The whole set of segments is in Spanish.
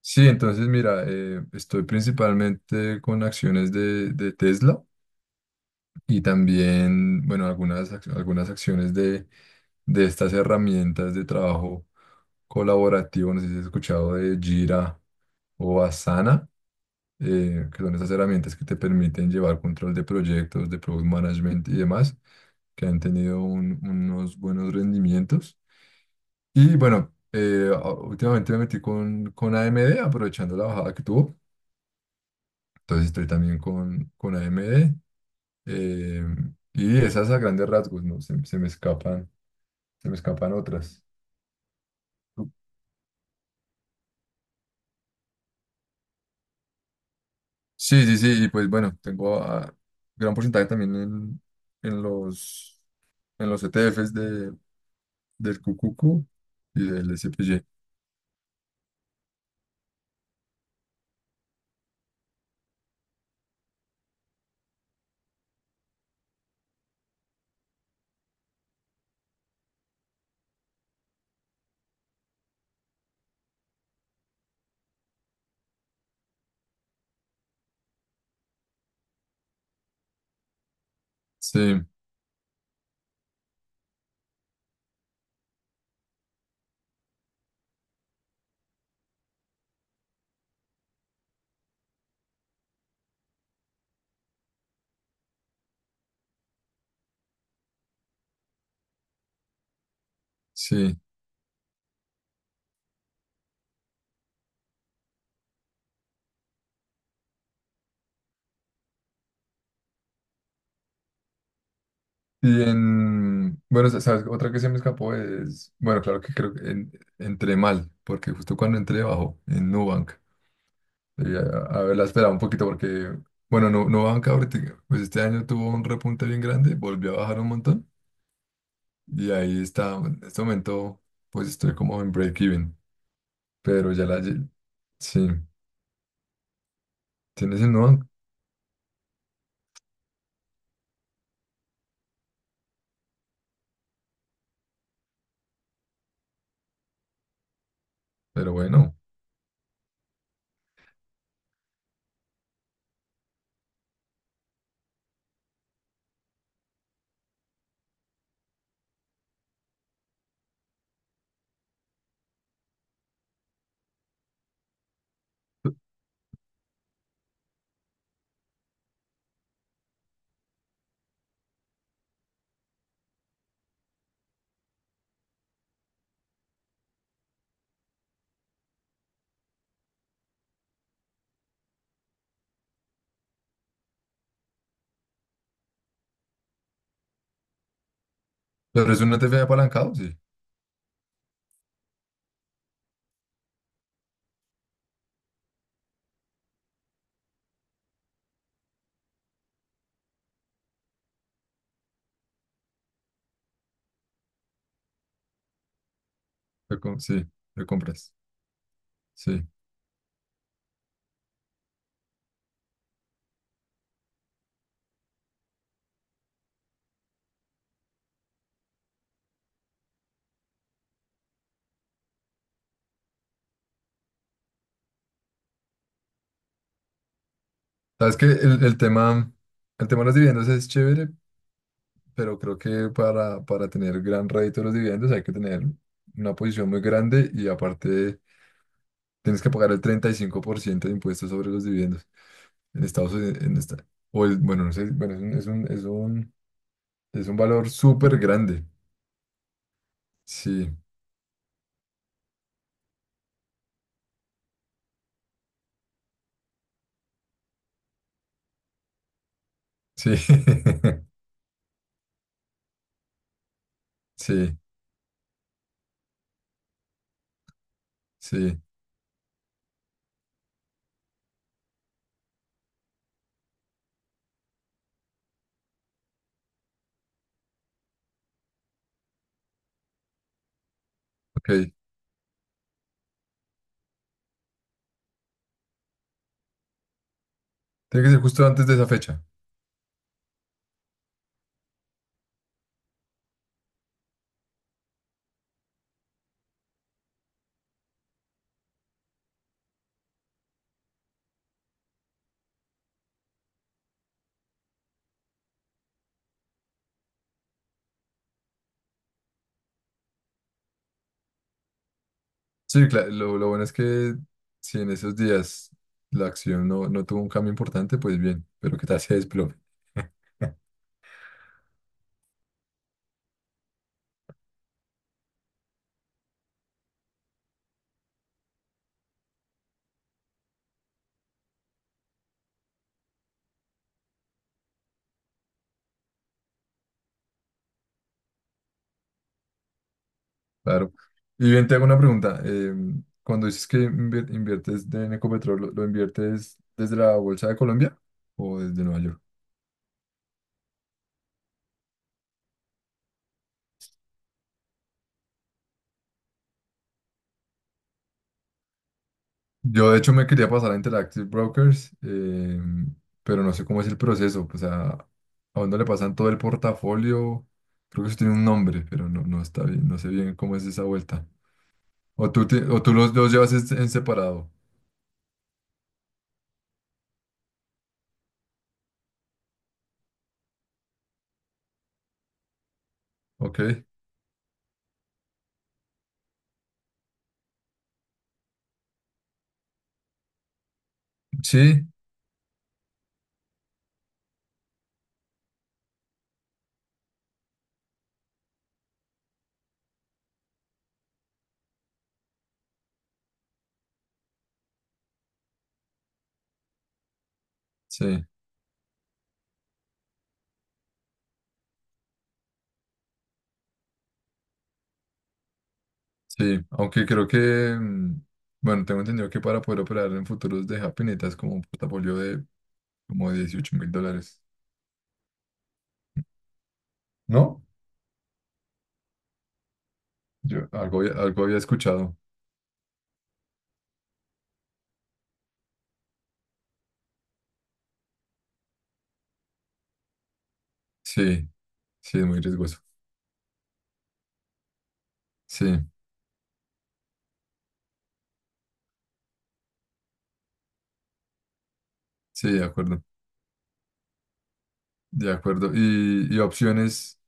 Sí, entonces mira, estoy principalmente con acciones de Tesla y también, bueno, algunas acciones de estas herramientas de trabajo colaborativo. No sé si has escuchado de Jira o Asana, que son esas herramientas que te permiten llevar control de proyectos, de product management y demás, que han tenido unos buenos rendimientos. Y bueno, últimamente me metí con AMD, aprovechando la bajada que tuvo. Entonces estoy también con AMD. eh, y esas a grandes rasgos, ¿no? Se me escapan, se me escapan otras. Sí, sí, sí. Y pues bueno, tengo gran porcentaje también en los, en los ETFs de, del QQQ y del SPY. Sí, sí. Y en, bueno, sabes, otra que se me escapó es, bueno, claro que creo que entré mal, porque justo cuando entré bajó en Nubank. Sí, a ver, la espera un poquito porque, bueno, no, no bajan cada ahorita. Pues este año tuvo un repunte bien grande, volvió a bajar un montón. Y ahí está, en este momento, pues estoy como en break-even. Pero ya sí, tienes el no pero bueno. Pero es un ETF apalancado, sí. Sí, lo compras. Sí. Sabes que el tema, el tema de los dividendos es chévere, pero creo que para tener gran rédito de los dividendos hay que tener una posición muy grande y aparte tienes que pagar el 35% de impuestos sobre los dividendos en Estados Unidos. En esta, o el, bueno, no sé, bueno, es un valor súper grande. Sí, sí, sí, sí. Ok. Tiene que ser justo antes de esa fecha. Sí, claro, lo bueno es que si en esos días la acción no, no tuvo un cambio importante, pues bien, pero que tal se desplome. Claro. Y bien, te hago una pregunta. Cuando dices que en Ecopetrol, lo inviertes desde la Bolsa de Colombia o desde Nueva York? Yo, de hecho, me quería pasar a Interactive Brokers, pero no sé cómo es el proceso. O sea, ¿a dónde le pasan todo el portafolio? Creo que eso tiene un nombre, pero no, no está bien, no sé bien cómo es esa vuelta. O tú los dos llevas en separado. Ok. Sí, sí. Sí, aunque creo que, bueno, tengo entendido que para poder operar en futuros de Happy necesitas como un portafolio de como 18.000 dólares. ¿No? Yo algo, algo había escuchado. Sí, sí, es muy riesgoso. Sí, sí, de acuerdo, de acuerdo. Y opciones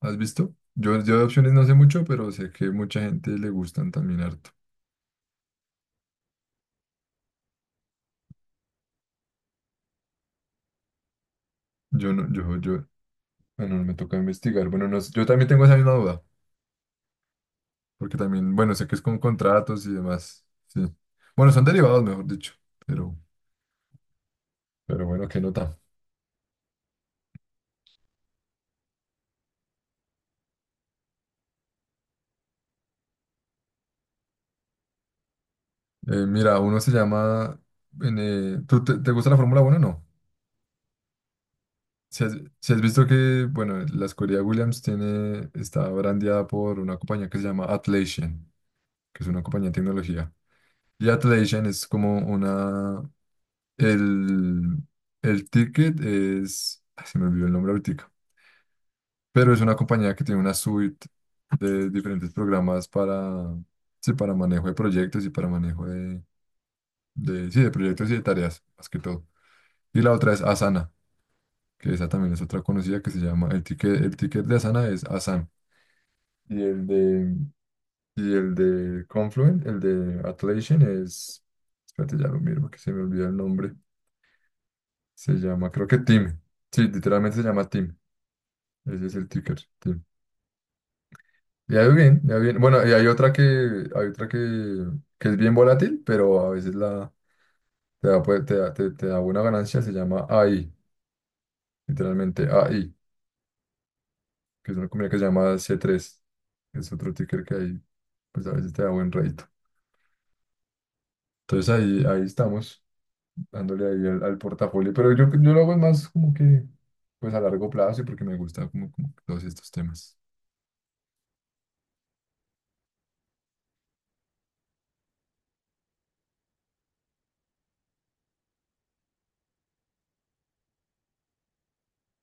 has visto? Yo de opciones no sé mucho, pero sé que mucha gente le gustan también harto. Yo no, yo, Bueno, me toca investigar. Bueno, no, sé, yo también tengo esa misma duda. Porque también, bueno, sé que es con contratos y demás. Sí. Bueno, son derivados, mejor dicho. Pero, pero bueno, qué nota. Mira, uno se llama. ¿Tú te gusta la Fórmula uno o no? Si has, si has visto que, bueno, la escudería Williams tiene, está brandeada por una compañía que se llama Atlassian, que es una compañía de tecnología. Y Atlassian es como una. El, el ticket es. Ay, se me olvidó el nombre ahorita. Pero es una compañía que tiene una suite de diferentes programas para, sí, para manejo de proyectos y para manejo de, sí, de proyectos y de tareas, más que todo. Y la otra es Asana, que esa también es otra conocida que se llama, el ticket de Asana es Asana. Y el de, y el de Confluent, el de Atlassian es, espérate, ya lo miro, que se me olvida el nombre, se llama, creo que Team, sí, literalmente se llama Team, ese es el ticker. Le ha ido bien, le ha ido bien. Bueno, y hay otra que es bien volátil, pero a veces la, te da, pues, te da buena ganancia, se llama AI, literalmente AI, que es una compañía que se llama C3 que es otro ticker que ahí, pues a veces te da buen rédito. Entonces ahí, ahí estamos, dándole ahí al portafolio, pero yo lo hago más como que, pues a largo plazo y porque me gusta como, como todos estos temas.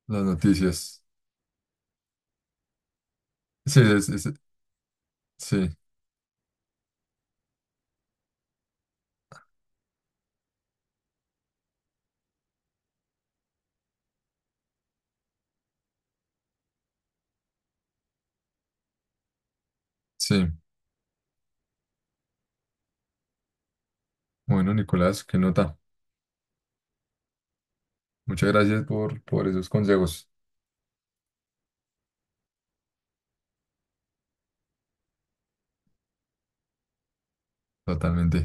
Las noticias. Sí, es- es- sí, sí. Bueno, Nicolás, qué nota. Muchas gracias por esos consejos. Totalmente.